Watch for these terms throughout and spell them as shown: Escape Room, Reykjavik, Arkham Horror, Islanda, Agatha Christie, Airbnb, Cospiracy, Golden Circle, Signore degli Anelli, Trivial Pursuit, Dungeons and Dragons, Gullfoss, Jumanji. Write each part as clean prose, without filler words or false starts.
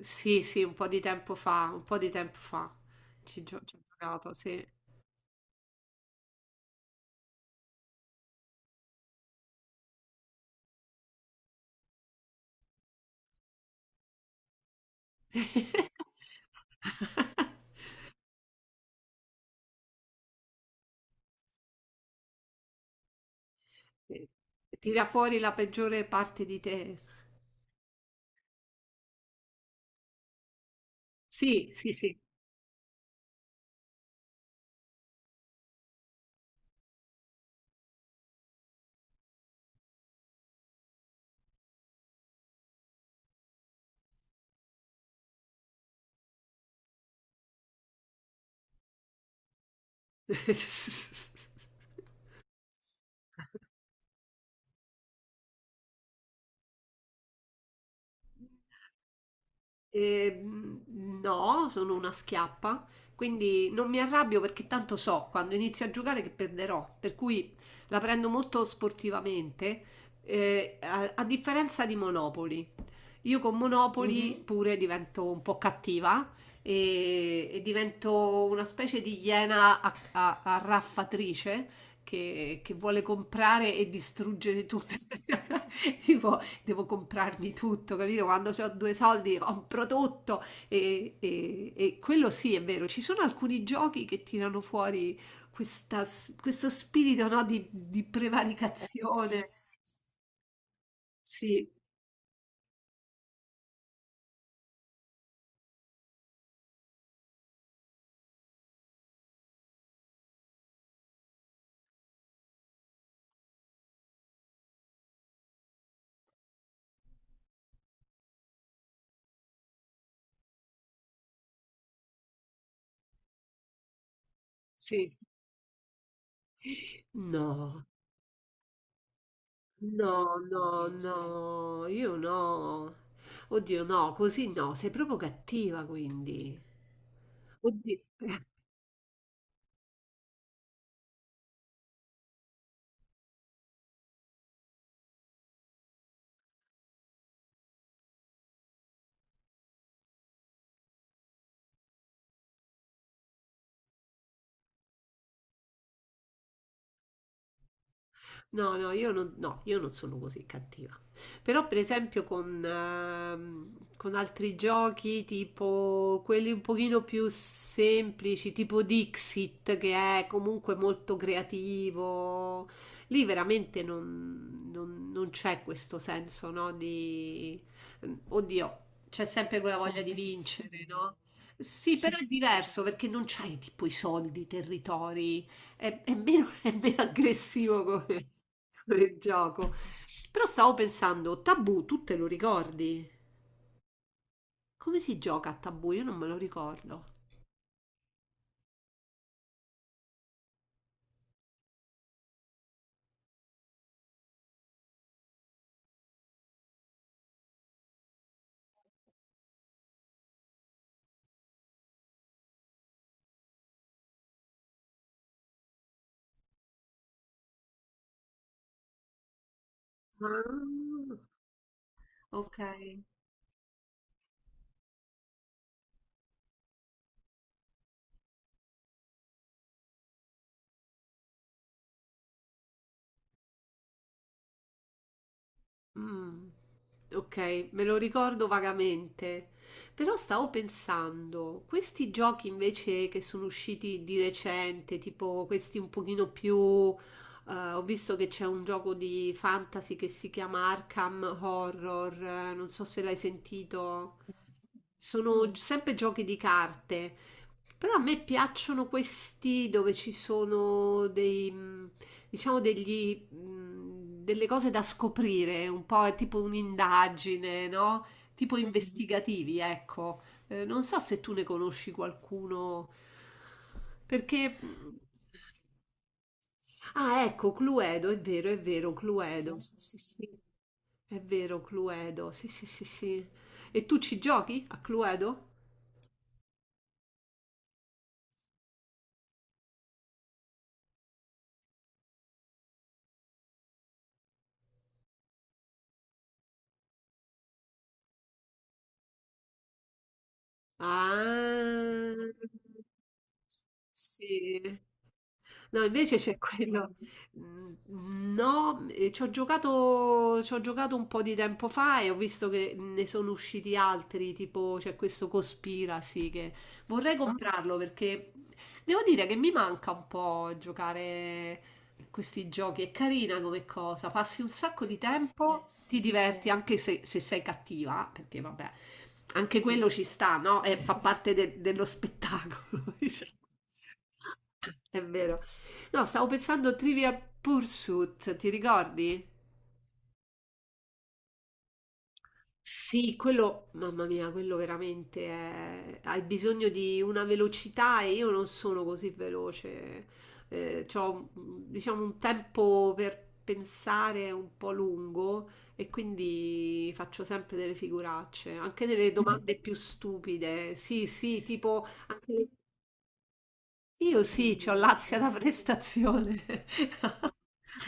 Sì, sì, un po' di tempo fa, un po' di tempo fa. Ci ho giocato, sì. Sì. Tira fuori la peggiore parte di te. Sì, sì, sì. No, sono una schiappa, quindi non mi arrabbio perché tanto so quando inizio a giocare che perderò, per cui la prendo molto sportivamente, a differenza di Monopoli. Io con Monopoli, mhm, pure divento un po' cattiva e divento una specie di iena arraffatrice che vuole comprare e distruggere tutto. Tipo, devo comprarmi tutto, capito? Quando ho due soldi compro tutto e, e quello sì è vero, ci sono alcuni giochi che tirano fuori questo spirito, no, di prevaricazione. Sì, sì. No, no, no, no, io no. Oddio, no, così no, sei proprio cattiva quindi. Oddio. No, no, io non, no, io non sono così cattiva. Però, per esempio, con altri giochi, tipo quelli un pochino più semplici, tipo Dixit, che è comunque molto creativo, lì veramente non c'è questo senso, no? Di... Oddio, c'è sempre quella voglia di vincere, no? Sì, però è diverso perché non c'hai tipo i soldi, i territori, è meno, è meno aggressivo come, del gioco. Però stavo pensando, Tabù, tu te lo ricordi? Come si gioca a Tabù? Io non me lo ricordo. Ah, ok. Mm, ok, me lo ricordo vagamente. Però stavo pensando, questi giochi invece che sono usciti di recente, tipo questi un pochino più... ho visto che c'è un gioco di fantasy che si chiama Arkham Horror, non so se l'hai sentito. Sono, mm, sempre giochi di carte, però a me piacciono questi dove ci sono dei, diciamo degli, delle cose da scoprire, un po' è tipo un'indagine, no? Tipo, mhm, investigativi, ecco. Non so se tu ne conosci qualcuno, perché... Ah, ecco, Cluedo, è vero, Cluedo, mm, sì, sì, sì, è vero, Cluedo, sì, sì, sì, sì. E tu ci giochi a Cluedo? Ah, sì. No, invece c'è quello. Mm, No, ci ho giocato un po' di tempo fa e ho visto che ne sono usciti altri, tipo c'è questo Cospiracy che vorrei comprarlo perché devo dire che mi manca un po' giocare questi giochi. È carina come cosa, passi un sacco di tempo, ti diverti anche se, se sei cattiva, perché vabbè, anche quello ci sta, no? E fa dello spettacolo, diciamo. È vero. No, stavo pensando a Trivial Pursuit, ti ricordi? Sì, quello, mamma mia, quello veramente è... hai bisogno di una velocità e io non sono così veloce. C'ho, diciamo, un tempo per pensare un po' lungo e quindi faccio sempre delle figuracce, anche delle domande più stupide. Sì, sì, tipo anche io sì, ho l'ansia da prestazione.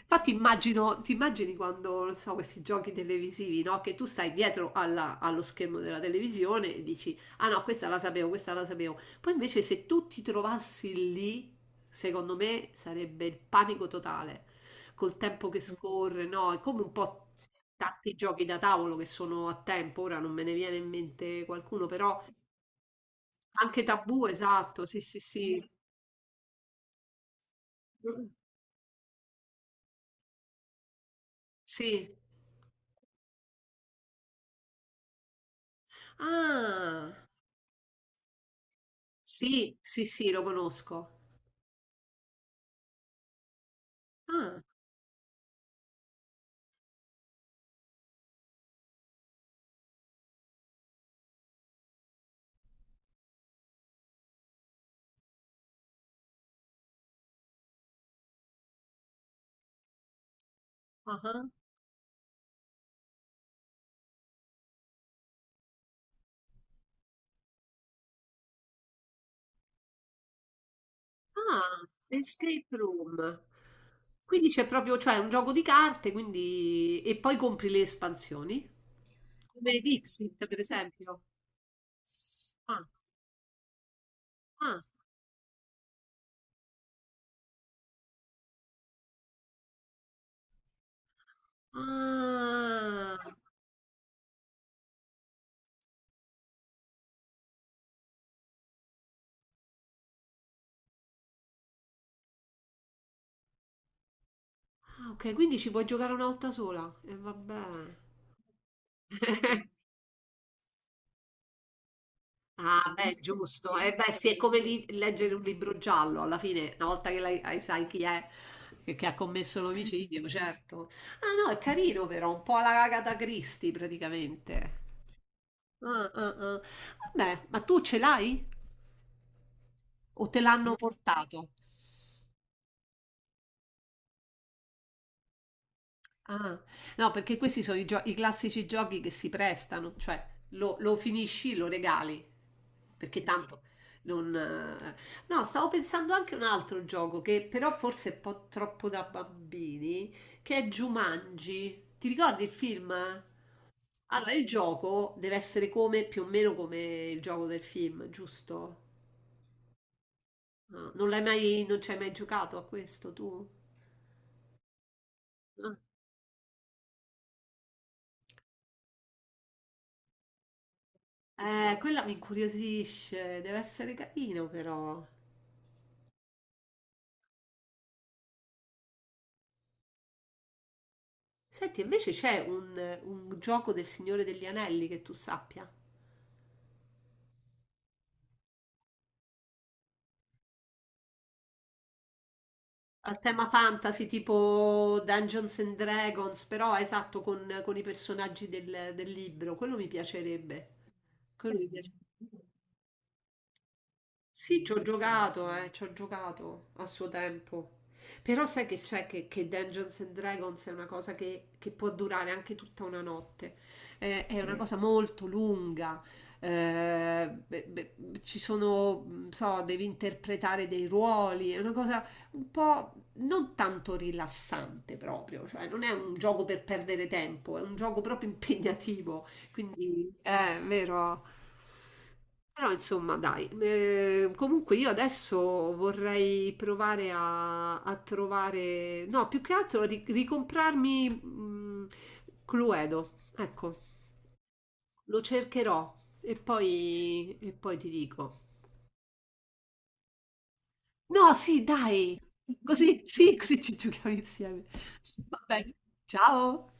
Infatti immagino, ti immagini quando, non so, questi giochi televisivi, no? Che tu stai dietro allo schermo della televisione e dici, ah no, questa la sapevo, questa la sapevo. Poi invece se tu ti trovassi lì, secondo me sarebbe il panico totale, col tempo che scorre, no? È come un po' tanti giochi da tavolo che sono a tempo, ora non me ne viene in mente qualcuno, però anche Tabù, esatto, sì, sì, sì. Sì. Ah. Sì, sì, sì, lo conosco. Ah, ah, ah. Ah, Escape Room. Quindi c'è proprio, cioè, è un gioco di carte, quindi... e poi compri le espansioni, come Dixit, per esempio. Ah, ah, ah. Ah, ok, quindi ci puoi giocare una volta sola. E vabbè. Ah, beh, giusto. Beh, sì, è come leggere un libro giallo, alla fine, una volta che sai chi è che ha commesso l'omicidio, certo. Ah, no, è carino però, un po' alla Agatha Christie praticamente. Ah, ah, ah. Vabbè, ma tu ce l'hai? O te l'hanno portato? Ah, no, perché questi sono i classici giochi che si prestano, cioè lo finisci, lo regali, perché sì, tanto non.... No, stavo pensando anche a un altro gioco che però forse è un po' troppo da bambini, che è Jumanji. Ti ricordi il film? Allora, il gioco deve essere come, più o meno come il gioco del film, giusto? No, non l'hai mai, non ci hai mai giocato a questo tu? No. Quella mi incuriosisce, deve essere carino però. Senti, invece c'è un gioco del Signore degli Anelli che tu sappia? Al tema fantasy, tipo Dungeons and Dragons, però esatto, con i personaggi del libro, quello mi piacerebbe. Sì, ci ho giocato a suo tempo. Però sai che c'è che Dungeons and Dragons è una cosa che può durare anche tutta una notte. È una cosa molto lunga. Eh, beh, ci sono, non so, devi interpretare dei ruoli. È una cosa un po' non tanto rilassante proprio. Cioè, non è un gioco per perdere tempo, è un gioco proprio impegnativo. Quindi è vero. Però insomma, dai, comunque io adesso vorrei provare a, a trovare, no, più che altro ricomprarmi, Cluedo, ecco, lo cercherò e poi ti dico. No, sì, dai, così, sì, così ci giochiamo insieme. Va bene, ciao!